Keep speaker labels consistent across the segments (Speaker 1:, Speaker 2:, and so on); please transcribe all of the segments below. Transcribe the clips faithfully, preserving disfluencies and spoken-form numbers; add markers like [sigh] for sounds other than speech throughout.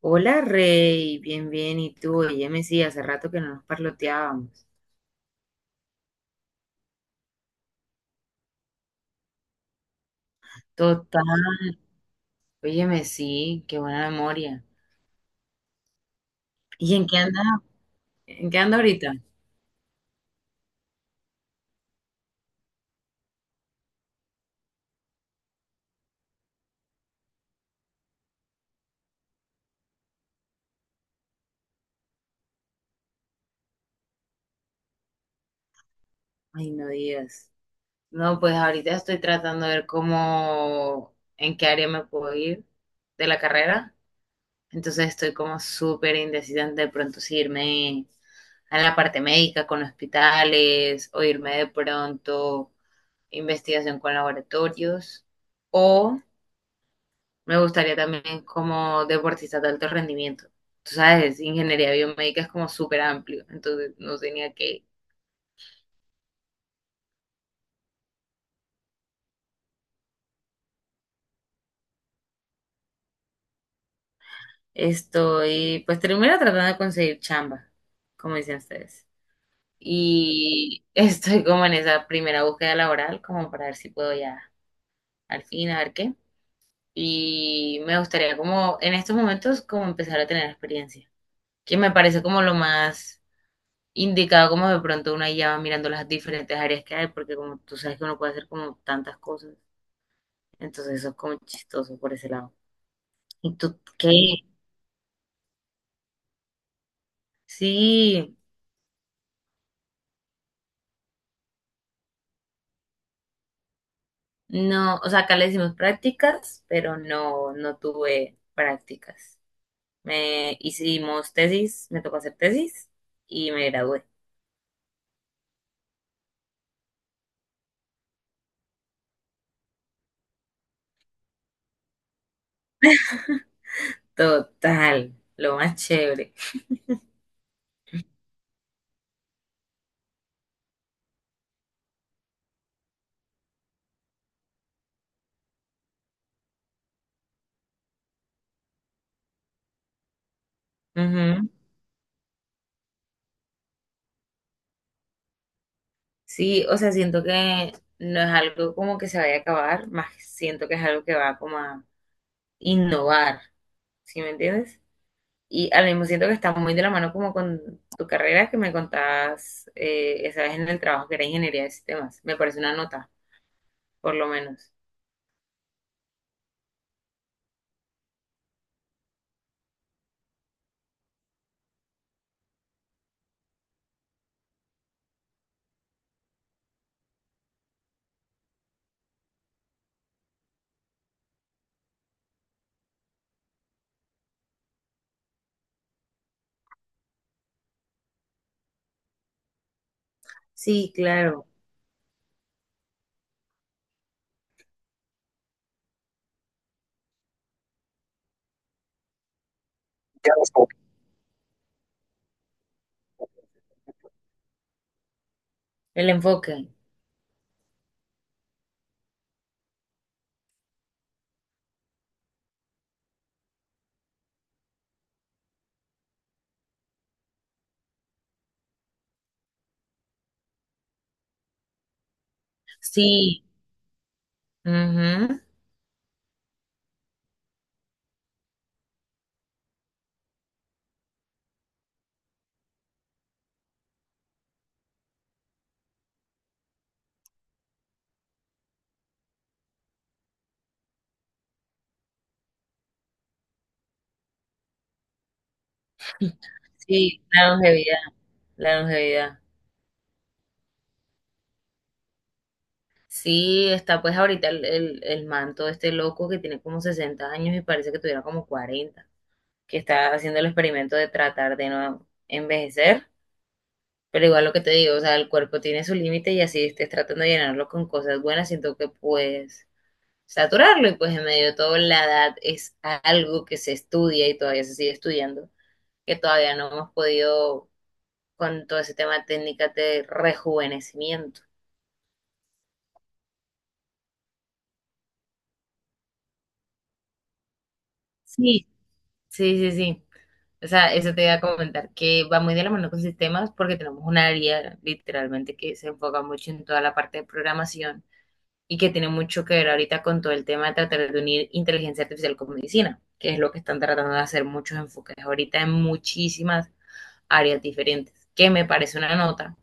Speaker 1: Hola Rey, bien, bien, ¿y tú? Óyeme, sí, hace rato que no nos parloteábamos. Total, óyeme, sí, qué buena memoria. ¿Y en qué anda? ¿En qué anda ahorita? Ay, no digas. No, pues ahorita estoy tratando de ver cómo, en qué área me puedo ir de la carrera. Entonces estoy como súper indecisa de pronto si irme a la parte médica con hospitales o irme de pronto a investigación con laboratorios o me gustaría también como deportista de alto rendimiento. Tú sabes, ingeniería biomédica es como súper amplio, entonces no tenía que ir. Estoy, pues primero tratando de conseguir chamba, como dicen ustedes. Y [laughs] estoy como en esa primera búsqueda laboral, como para ver si puedo ya al fin, a ver qué. Y me gustaría como en estos momentos como empezar a tener experiencia, que me parece como lo más indicado, como de pronto una guía, va mirando las diferentes áreas que hay, porque como tú sabes que uno puede hacer como tantas cosas, entonces eso es como chistoso por ese lado. ¿Y tú qué? Sí, no, o sea, acá le decimos prácticas, pero no, no tuve prácticas. Me hicimos tesis, me tocó hacer tesis y me gradué. Total, lo más chévere. Ujú. Sí, o sea, siento que no es algo como que se vaya a acabar, más siento que es algo que va como a innovar, ¿sí me entiendes? Y al mismo siento que está muy de la mano como con tu carrera que me contabas, eh, esa vez en el trabajo, que era ingeniería de sistemas. Me parece una nota, por lo menos. Sí, claro, el enfoque. Sí, ujú. Sí, la longevidad, la longevidad. Sí, está pues ahorita el, el, el man todo este loco que tiene como sesenta años y parece que tuviera como cuarenta, que está haciendo el experimento de tratar de no envejecer. Pero igual lo que te digo, o sea, el cuerpo tiene su límite, y así estés tratando de llenarlo con cosas buenas, siento que puedes saturarlo, y pues en medio de todo la edad es algo que se estudia y todavía se sigue estudiando, que todavía no hemos podido con todo ese tema de técnicas de rejuvenecimiento. Sí, sí, sí, sí. O sea, eso te iba a comentar, que va muy de la mano con sistemas, porque tenemos un área literalmente que se enfoca mucho en toda la parte de programación y que tiene mucho que ver ahorita con todo el tema de tratar de unir inteligencia artificial con medicina, que es lo que están tratando de hacer muchos enfoques ahorita en muchísimas áreas diferentes, que me parece una nota,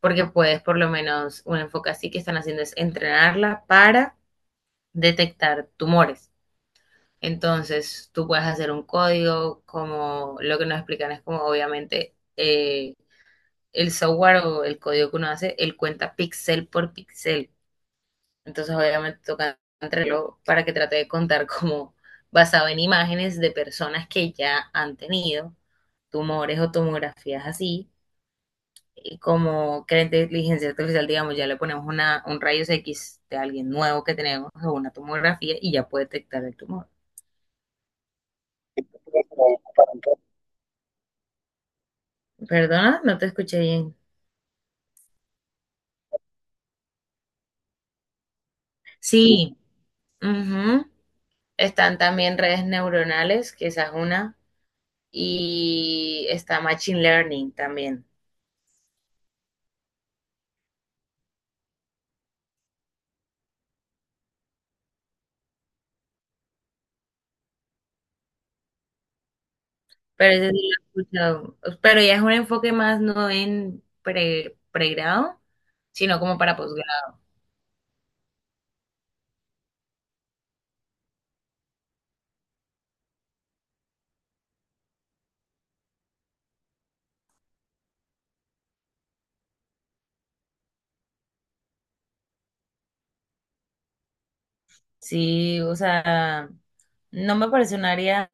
Speaker 1: porque puedes, por lo menos un enfoque así que están haciendo es entrenarla para detectar tumores. Entonces, tú puedes hacer un código. Como lo que nos explican es como, obviamente, eh, el software o el código que uno hace, él cuenta píxel por píxel. Entonces, obviamente, toca entregarlo para que trate de contar como basado en imágenes de personas que ya han tenido tumores o tomografías así. Y como que la inteligencia artificial, digamos, ya le ponemos una, un rayos X de alguien nuevo que tenemos, o una tomografía, y ya puede detectar el tumor. Perdona, no te escuché bien. Sí, ujú. Están también redes neuronales, que esa es una, y está Machine Learning también. Pero ese sí lo he escuchado. Pero ya es un enfoque más no en pre, pregrado, sino como para posgrado. Sí, o sea, no me parece un área,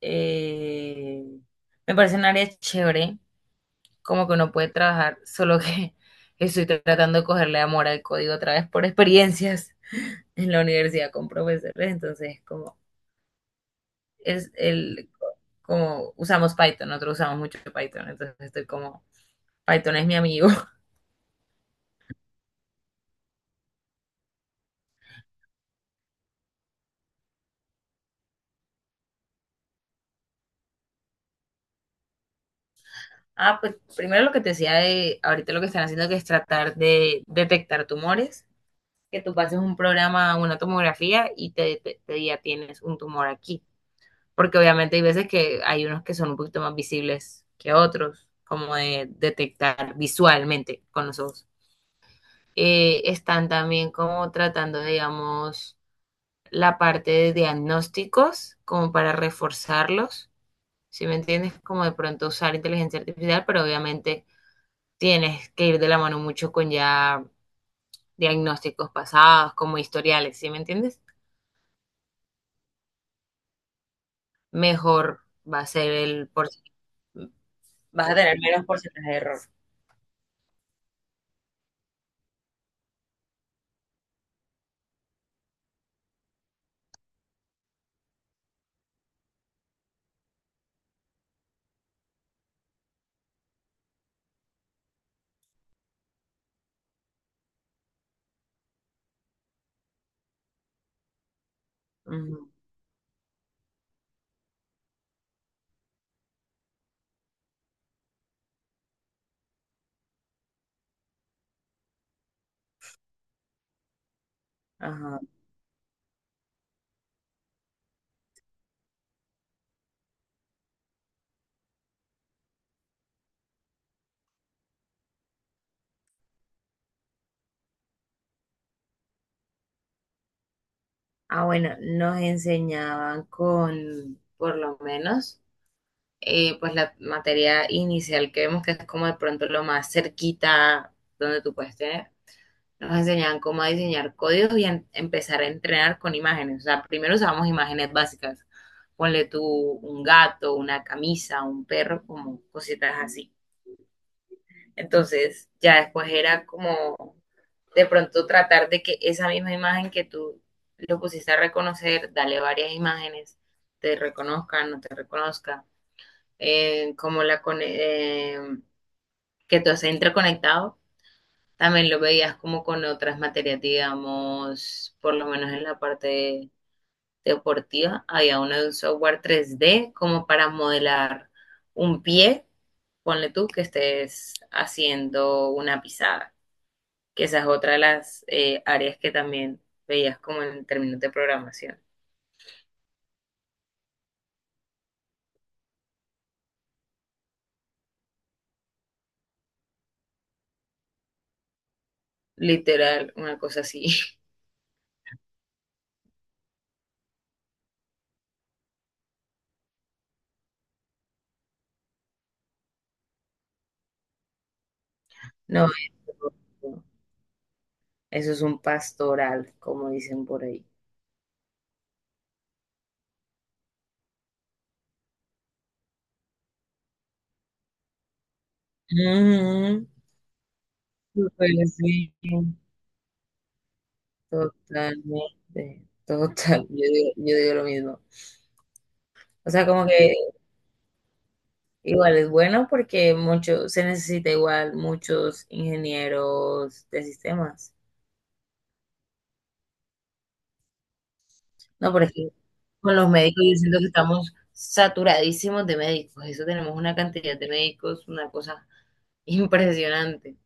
Speaker 1: eh, me parece un área chévere, como que uno puede trabajar, solo que [laughs] estoy tratando de cogerle amor al código otra vez por experiencias en la universidad con profesores, entonces como es el, como usamos Python, nosotros usamos mucho Python, entonces estoy como, Python es mi amigo. Ah, pues primero lo que te decía de ahorita, lo que están haciendo, que es tratar de detectar tumores, que tú pases un programa, una tomografía, y te, te, te diga: tienes un tumor aquí. Porque obviamente hay veces que hay unos que son un poquito más visibles que otros, como de detectar visualmente con los ojos. Eh, están también como tratando, digamos, la parte de diagnósticos, como para reforzarlos, si me entiendes? Como de pronto usar inteligencia artificial, pero obviamente tienes que ir de la mano mucho con ya diagnósticos pasados, como historiales, ¿sí me entiendes? Mejor va a ser el por si, vas a tener menos porcentaje de error. Ujú. Ajá. Ah, bueno, nos enseñaban con, por lo menos, eh, pues la materia inicial que vemos, que es como de pronto lo más cerquita donde tú puedes tener. Nos enseñaban cómo diseñar códigos y en- empezar a entrenar con imágenes. O sea, primero usábamos imágenes básicas. Ponle tú un gato, una camisa, un perro, como cositas así. Entonces, ya después era como de pronto tratar de que esa misma imagen que tú lo pusiste a reconocer, dale varias imágenes, te reconozca, no te reconozca, eh, como la, cone- eh, que todo esté interconectado. También lo veías como con otras materias, digamos, por lo menos en la parte deportiva, había uno de un software tres D como para modelar un pie, ponle tú que estés haciendo una pisada, que esa es otra de las, eh, áreas que también veías como en términos de programación. Literal, una cosa así. [laughs] No, eso, eso es un pastoral, como dicen por ahí. Ujú, súper, sí. Totalmente, total, yo digo, yo digo lo mismo. O sea, como que igual es bueno porque mucho, se necesita igual muchos ingenieros de sistemas. No, por ejemplo, con los médicos yo siento que estamos saturadísimos de médicos. Eso, tenemos una cantidad de médicos, una cosa [laughs] impresionante.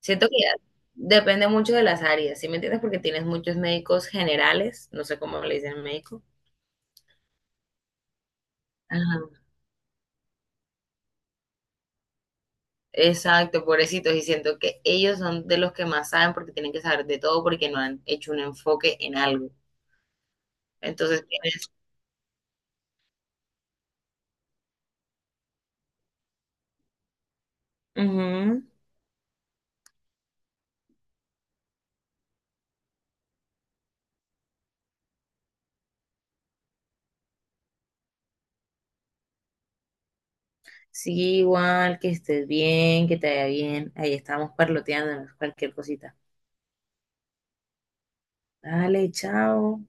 Speaker 1: Siento que ya depende mucho de las áreas, ¿sí me entiendes? Porque tienes muchos médicos generales, no sé cómo le dicen médico. Ajá. Exacto, pobrecitos, y siento que ellos son de los que más saben porque tienen que saber de todo porque no han hecho un enfoque en algo. Entonces tienes, ujú. Sí, igual, que estés bien, que te vaya bien. Ahí estamos parloteando cualquier cosita. Dale, chao.